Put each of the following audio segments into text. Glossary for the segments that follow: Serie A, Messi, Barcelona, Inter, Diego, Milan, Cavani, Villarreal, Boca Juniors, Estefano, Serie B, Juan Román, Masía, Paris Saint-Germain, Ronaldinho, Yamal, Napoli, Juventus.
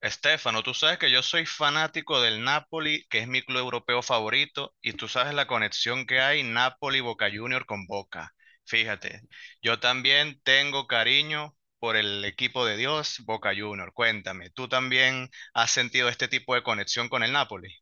Estefano, tú sabes que yo soy fanático del Napoli, que es mi club europeo favorito, y tú sabes la conexión que hay Napoli-Boca Junior con Boca. Fíjate, yo también tengo cariño por el equipo de Dios, Boca Junior. Cuéntame, ¿tú también has sentido este tipo de conexión con el Napoli?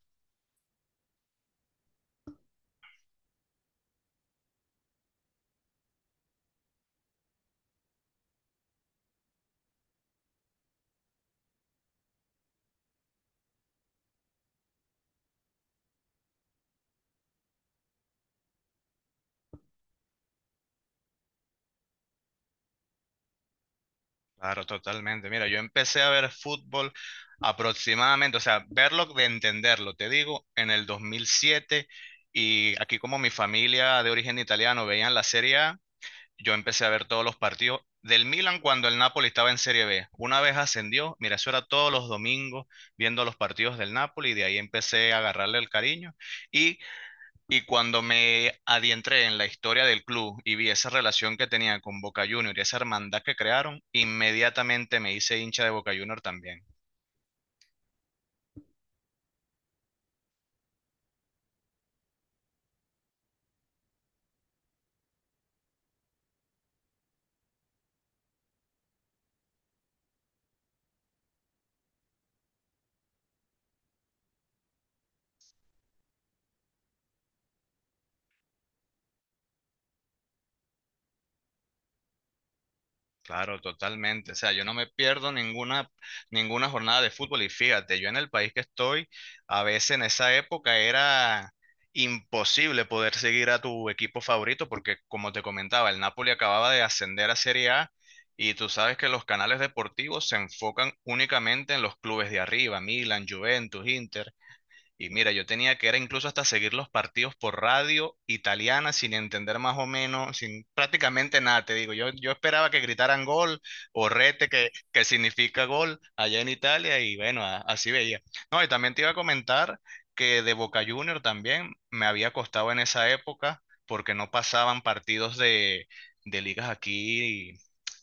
Claro, totalmente. Mira, yo empecé a ver fútbol aproximadamente, o sea, verlo de entenderlo, te digo, en el 2007. Y aquí como mi familia de origen italiano veían la Serie A, yo empecé a ver todos los partidos del Milan cuando el Napoli estaba en Serie B. Una vez ascendió, mira, eso era todos los domingos viendo los partidos del Napoli y de ahí empecé a agarrarle el cariño. Y, y cuando me adentré en la historia del club y vi esa relación que tenía con Boca Juniors y esa hermandad que crearon, inmediatamente me hice hincha de Boca Juniors también. Claro, totalmente. O sea, yo no me pierdo ninguna jornada de fútbol. Y fíjate, yo en el país que estoy, a veces en esa época era imposible poder seguir a tu equipo favorito porque, como te comentaba, el Napoli acababa de ascender a Serie A y tú sabes que los canales deportivos se enfocan únicamente en los clubes de arriba, Milan, Juventus, Inter. Y mira, yo tenía que era incluso hasta seguir los partidos por radio italiana sin entender más o menos, sin prácticamente nada, te digo. Yo esperaba que gritaran gol o rete, que significa gol allá en Italia, y bueno, así veía. No, y también te iba a comentar que de Boca Junior también me había costado en esa época porque no pasaban partidos de ligas aquí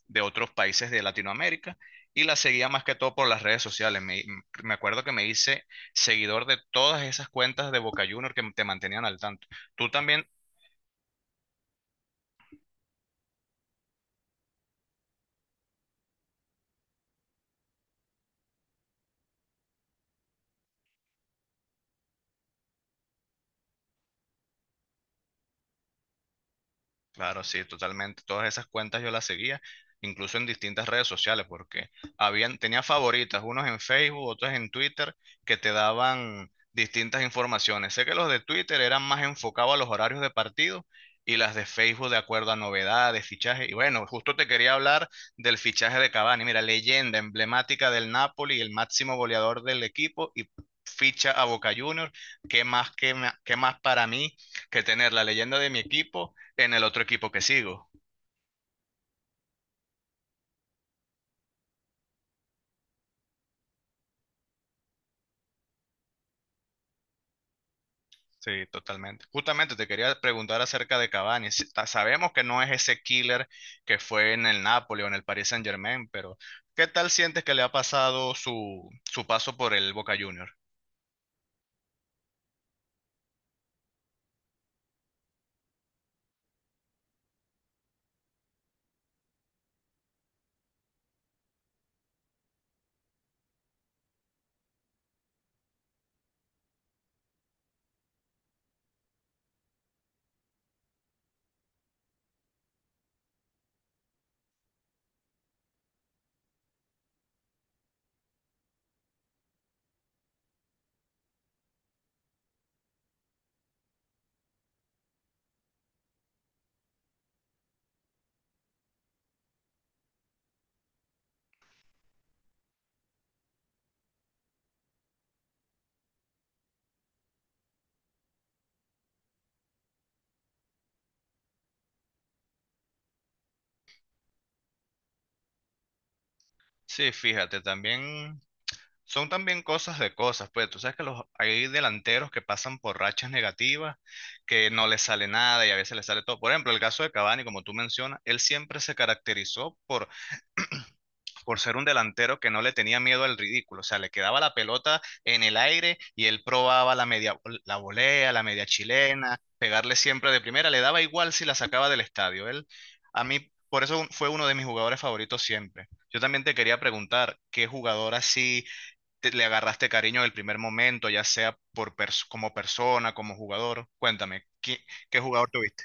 de otros países de Latinoamérica y la seguía más que todo por las redes sociales. Me acuerdo que me hice seguidor de todas esas cuentas de Boca Junior que te mantenían al tanto. Tú también. Claro, sí, totalmente. Todas esas cuentas yo las seguía, incluso en distintas redes sociales, porque habían, tenía favoritas, unos en Facebook, otros en Twitter, que te daban distintas informaciones. Sé que los de Twitter eran más enfocados a los horarios de partido y las de Facebook de acuerdo a novedades, fichajes. Y bueno, justo te quería hablar del fichaje de Cavani. Mira, leyenda emblemática del Napoli, el máximo goleador del equipo y ficha a Boca Juniors. ¿Qué más, qué más, qué más para mí que tener la leyenda de mi equipo? En el otro equipo que sigo. Sí, totalmente. Justamente te quería preguntar acerca de Cavani. Sabemos que no es ese killer que fue en el Napoli o en el Paris Saint-Germain, pero ¿qué tal sientes que le ha pasado su paso por el Boca Juniors? Sí, fíjate, también son también cosas de cosas, pues tú sabes que los, hay delanteros que pasan por rachas negativas, que no les sale nada y a veces les sale todo. Por ejemplo, el caso de Cavani, como tú mencionas, él siempre se caracterizó por por ser un delantero que no le tenía miedo al ridículo. O sea, le quedaba la pelota en el aire y él probaba la media, la volea, la media chilena, pegarle siempre de primera, le daba igual si la sacaba del estadio. Él, a mí, por eso fue uno de mis jugadores favoritos siempre. Yo también te quería preguntar, ¿qué jugador así le agarraste cariño del primer momento, ya sea como persona, como jugador? Cuéntame, ¿qué jugador tuviste?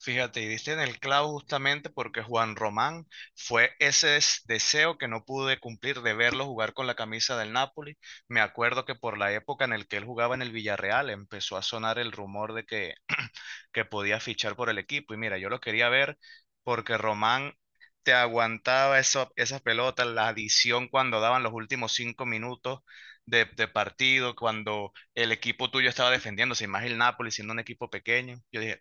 Fíjate, y diste en el clavo justamente porque Juan Román fue ese deseo que no pude cumplir de verlo jugar con la camisa del Napoli. Me acuerdo que por la época en el que él jugaba en el Villarreal empezó a sonar el rumor de que podía fichar por el equipo. Y mira, yo lo quería ver porque Román te aguantaba eso, esas pelotas, la adición cuando daban los últimos 5 minutos de partido, cuando el equipo tuyo estaba defendiéndose, y más el Napoli siendo un equipo pequeño. Yo dije,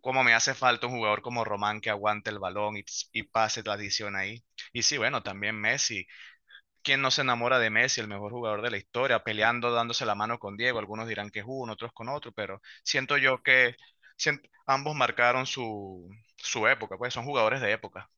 ¿cómo me hace falta un jugador como Román que aguante el balón y pase la adición ahí? Y sí, bueno, también Messi. ¿Quién no se enamora de Messi, el mejor jugador de la historia, peleando, dándose la mano con Diego? Algunos dirán que es uno, otros con otro, pero siento yo que sien- ambos marcaron su época, pues son jugadores de época.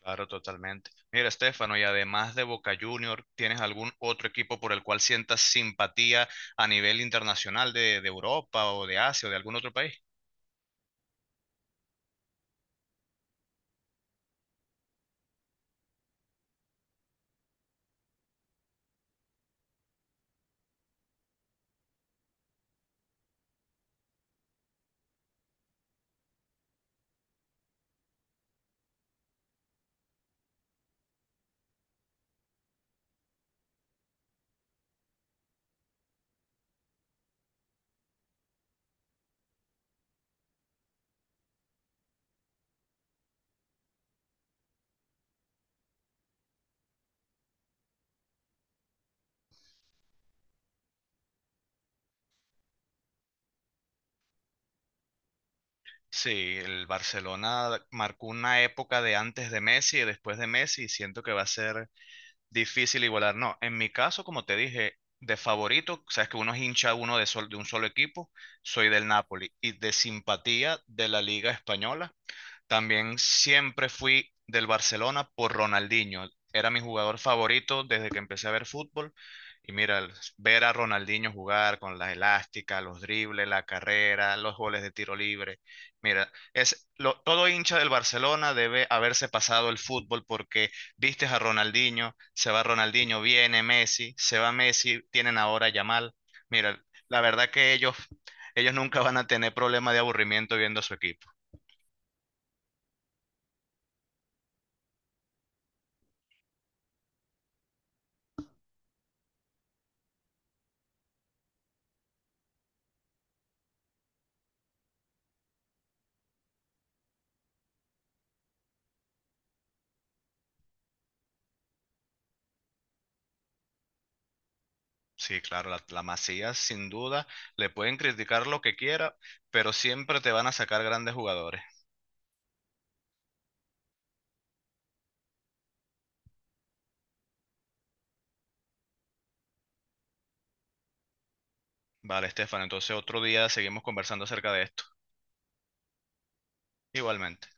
Claro, totalmente. Mira, Estefano, y además de Boca Junior, ¿tienes algún otro equipo por el cual sientas simpatía a nivel internacional de Europa o de Asia o de algún otro país? Sí, el Barcelona marcó una época de antes de Messi y después de Messi, y siento que va a ser difícil igualar, no. En mi caso, como te dije, de favorito, sabes que uno es hincha uno de, de un solo equipo, soy del Napoli y de simpatía de la Liga Española, también siempre fui del Barcelona por Ronaldinho. Era mi jugador favorito desde que empecé a ver fútbol. Y mira, ver a Ronaldinho jugar con las elásticas, los dribles, la carrera, los goles de tiro libre. Mira, todo hincha del Barcelona debe haberse pasado el fútbol porque vistes a Ronaldinho, se va Ronaldinho, viene Messi, se va Messi, tienen ahora a Yamal. Mira, la verdad que ellos nunca van a tener problema de aburrimiento viendo a su equipo. Sí, claro, la Masía sin duda, le pueden criticar lo que quiera, pero siempre te van a sacar grandes jugadores. Vale, Estefan, entonces otro día seguimos conversando acerca de esto. Igualmente.